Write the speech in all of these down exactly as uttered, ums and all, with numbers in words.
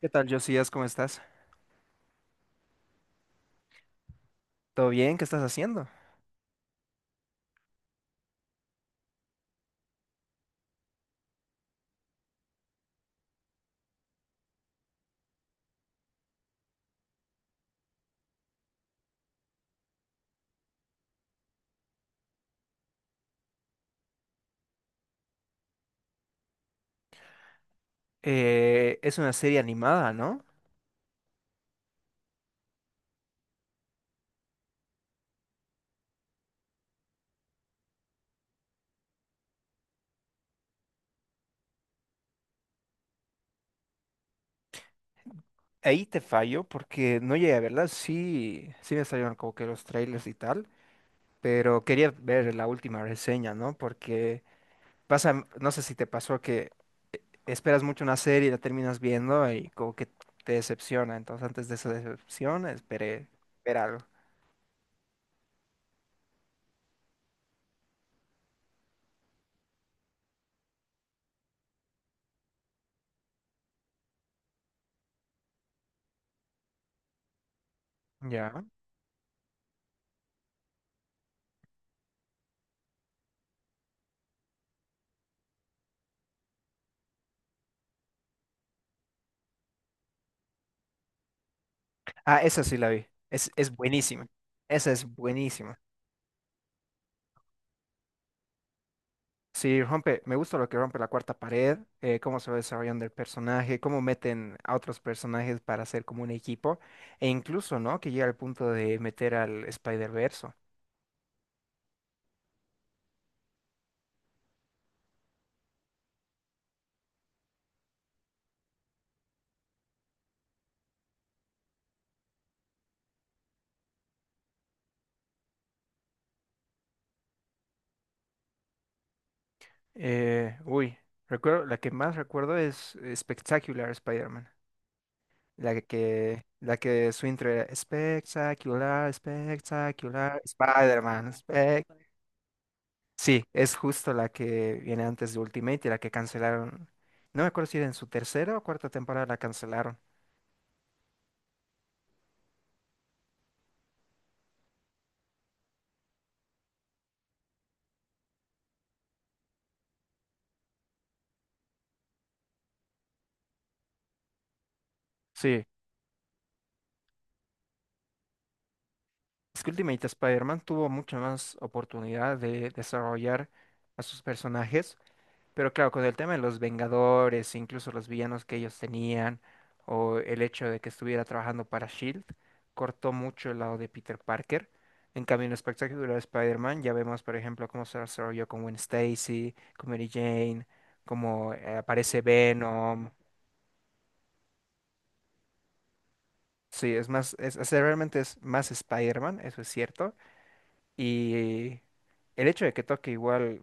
¿Qué tal, Josías? ¿Cómo estás? ¿Todo bien? ¿Qué estás haciendo? Eh, es una serie animada, ¿no? Ahí te fallo porque no llegué a verla. Sí, sí me salieron como que los trailers y tal, pero quería ver la última reseña, ¿no? Porque pasa, no sé si te pasó que esperas mucho una serie y la terminas viendo y como que te decepciona. Entonces, antes de esa decepción, esperé ver algo. Ya. Ah, esa sí la vi. Es, es buenísima. Esa es buenísima. Sí, rompe, me gusta lo que rompe la cuarta pared, eh, cómo se va desarrollando el personaje, cómo meten a otros personajes para hacer como un equipo, e incluso, ¿no? Que llega al punto de meter al Spider-Verse. Eh, uy, Recuerdo, la que más recuerdo es eh, Spectacular Spider-Man. La que, la que su intro era espectacular, espectacular, Spider-Man, spec. Sí, es justo la que viene antes de Ultimate y la que cancelaron. No me acuerdo si era en su tercera o cuarta temporada la cancelaron. Sí, es que Ultimate Spider-Man tuvo mucha más oportunidad de desarrollar a sus personajes. Pero claro, con el tema de los Vengadores, incluso los villanos que ellos tenían, o el hecho de que estuviera trabajando para SHIELD, cortó mucho el lado de Peter Parker. En cambio, en el espectacular Spider-Man, ya vemos, por ejemplo, cómo se desarrolló con Gwen Stacy, con Mary Jane, cómo eh, aparece Venom. Sí, es más, es, o sea, realmente es más Spider-Man, eso es cierto. Y el hecho de que toque igual,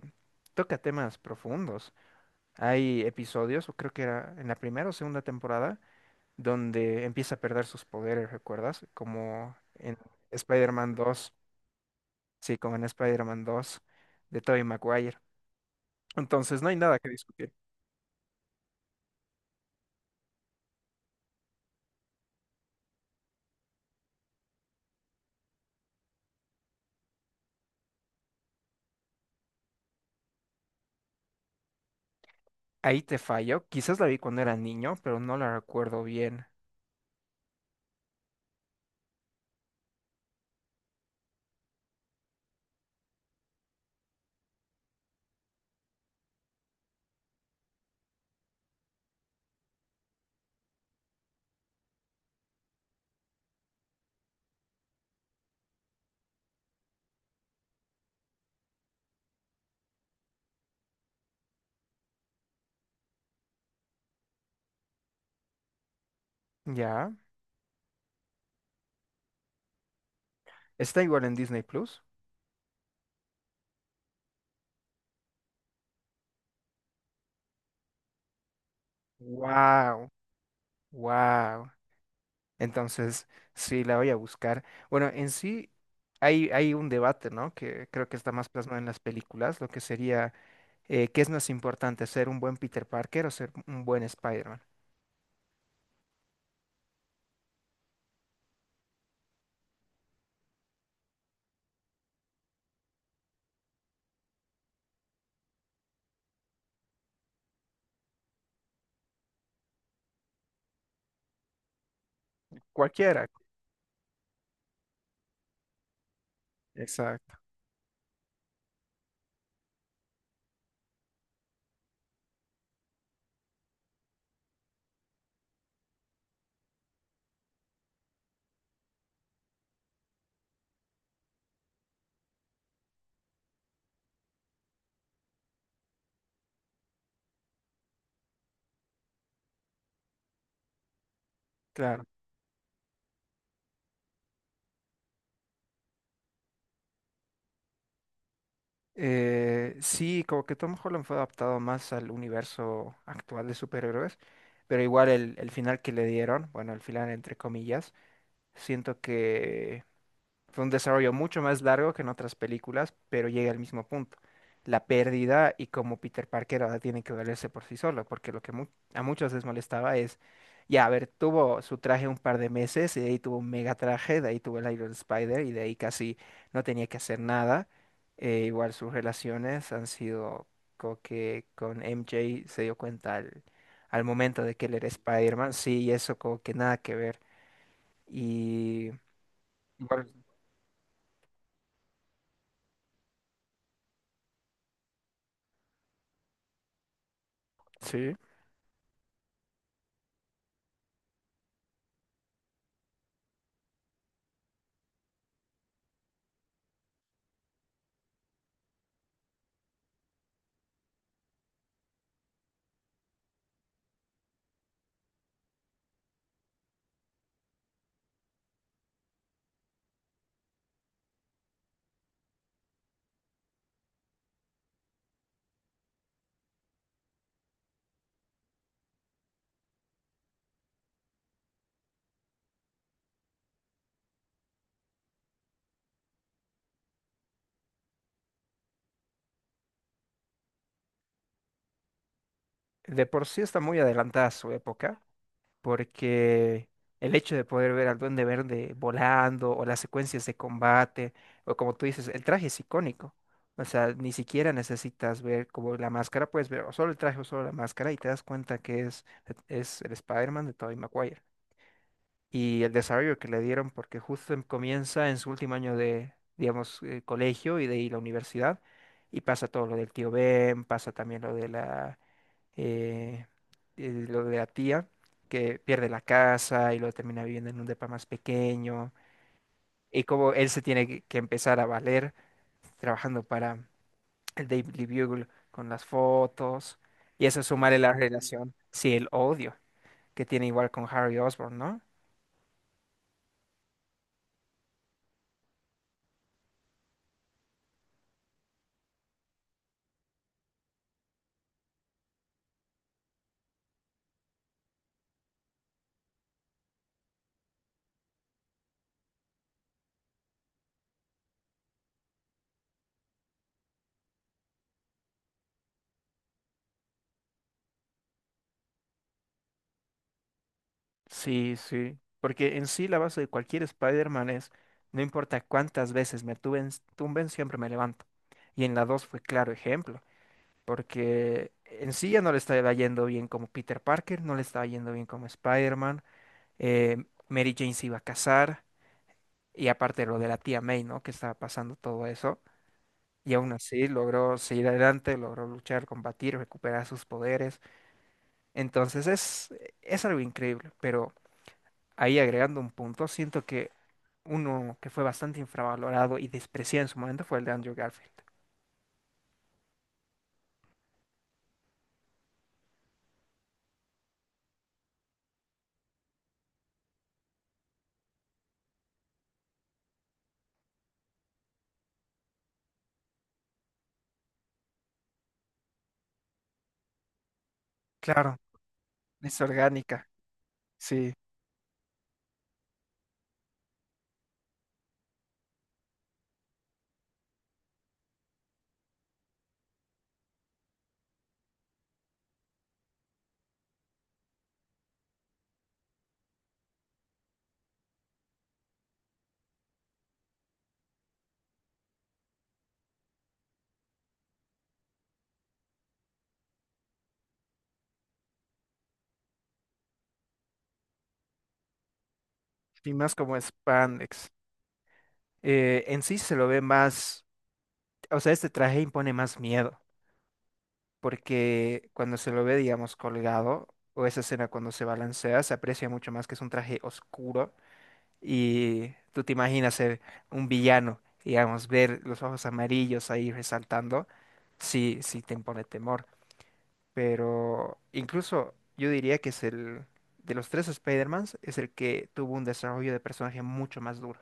toca temas profundos. Hay episodios, o creo que era en la primera o segunda temporada donde empieza a perder sus poderes, ¿recuerdas? Como en Spider-Man dos, sí, como en Spider-Man dos de Tobey Maguire. Entonces, no hay nada que discutir. Ahí te fallo. Quizás la vi cuando era niño, pero no la recuerdo bien. Ya. Está igual en Disney Plus. Wow, wow. Entonces, sí, la voy a buscar. Bueno, en sí hay, hay un debate, ¿no? Que creo que está más plasmado en las películas, lo que sería Eh, ¿qué es más importante, ser un buen Peter Parker o ser un buen Spider-Man? Cualquiera. Exacto, claro. Eh, sí, como que Tom Holland fue adaptado más al universo actual de superhéroes, pero igual el, el final que le dieron, bueno, el final entre comillas, siento que fue un desarrollo mucho más largo que en otras películas, pero llega al mismo punto. La pérdida y cómo Peter Parker ahora tiene que valerse por sí solo, porque lo que mu- a muchos les molestaba es, ya, a ver, tuvo su traje un par de meses y de ahí tuvo un mega traje, de ahí tuvo el Iron Spider y de ahí casi no tenía que hacer nada. Eh, igual sus relaciones han sido como que con M J se dio cuenta al, al momento de que él era Spider-Man, sí, y eso como que nada que ver. Y igual, sí, de por sí está muy adelantada a su época, porque el hecho de poder ver al Duende Verde volando o las secuencias de combate, o como tú dices, el traje es icónico. O sea, ni siquiera necesitas ver como la máscara, puedes ver o solo el traje o solo la máscara y te das cuenta que es, es el Spider-Man de Tobey Maguire. Y el desarrollo que le dieron, porque justo em- comienza en su último año de, digamos, eh, colegio y de ahí la universidad, y pasa todo lo del tío Ben, pasa también lo de la eh, eh, lo de la tía, que pierde la casa y luego termina viviendo en un depa más pequeño, y cómo él se tiene que que empezar a valer trabajando para el Daily Bugle con las fotos, y eso sumarle la relación, sí, el odio que tiene igual con Harry Osborn, ¿no? Sí, sí. Porque en sí la base de cualquier Spider-Man es, no importa cuántas veces me tumben, tumben, siempre me levanto. Y en la dos fue claro ejemplo, porque en sí ya no le estaba yendo bien como Peter Parker, no le estaba yendo bien como Spider-Man, eh, Mary Jane se iba a casar, y aparte lo de la tía May, ¿no? Que estaba pasando todo eso, y aún así logró seguir adelante, logró luchar, combatir, recuperar sus poderes, entonces es, es algo increíble, pero ahí agregando un punto, siento que uno que fue bastante infravalorado y despreciado en su momento fue el de Andrew Garfield. Claro, es orgánica, sí, y más como Spandex. Eh, en sí se lo ve más, o sea, este traje impone más miedo, porque cuando se lo ve, digamos, colgado, o esa escena cuando se balancea, se aprecia mucho más que es un traje oscuro y tú te imaginas ser un villano, digamos, ver los ojos amarillos ahí resaltando, sí, sí te impone temor, pero incluso yo diría que es el, de los tres Spider-Mans, es el que tuvo un desarrollo de personaje mucho más duro.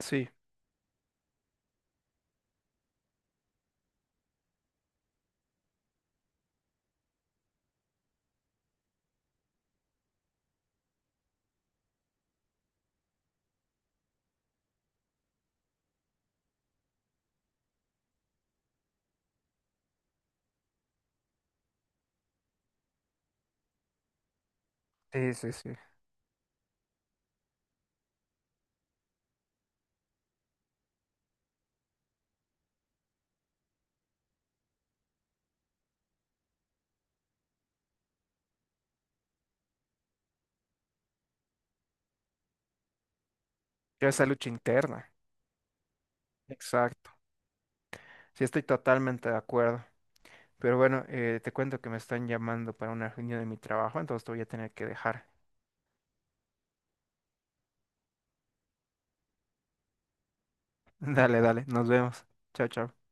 Sí, sí, sí, sí. Pero esa lucha interna. Exacto. Sí, estoy totalmente de acuerdo. Pero bueno, eh, te cuento que me están llamando para una reunión de mi trabajo, entonces te voy a tener que dejar. Dale, dale, nos vemos. Chao, chao.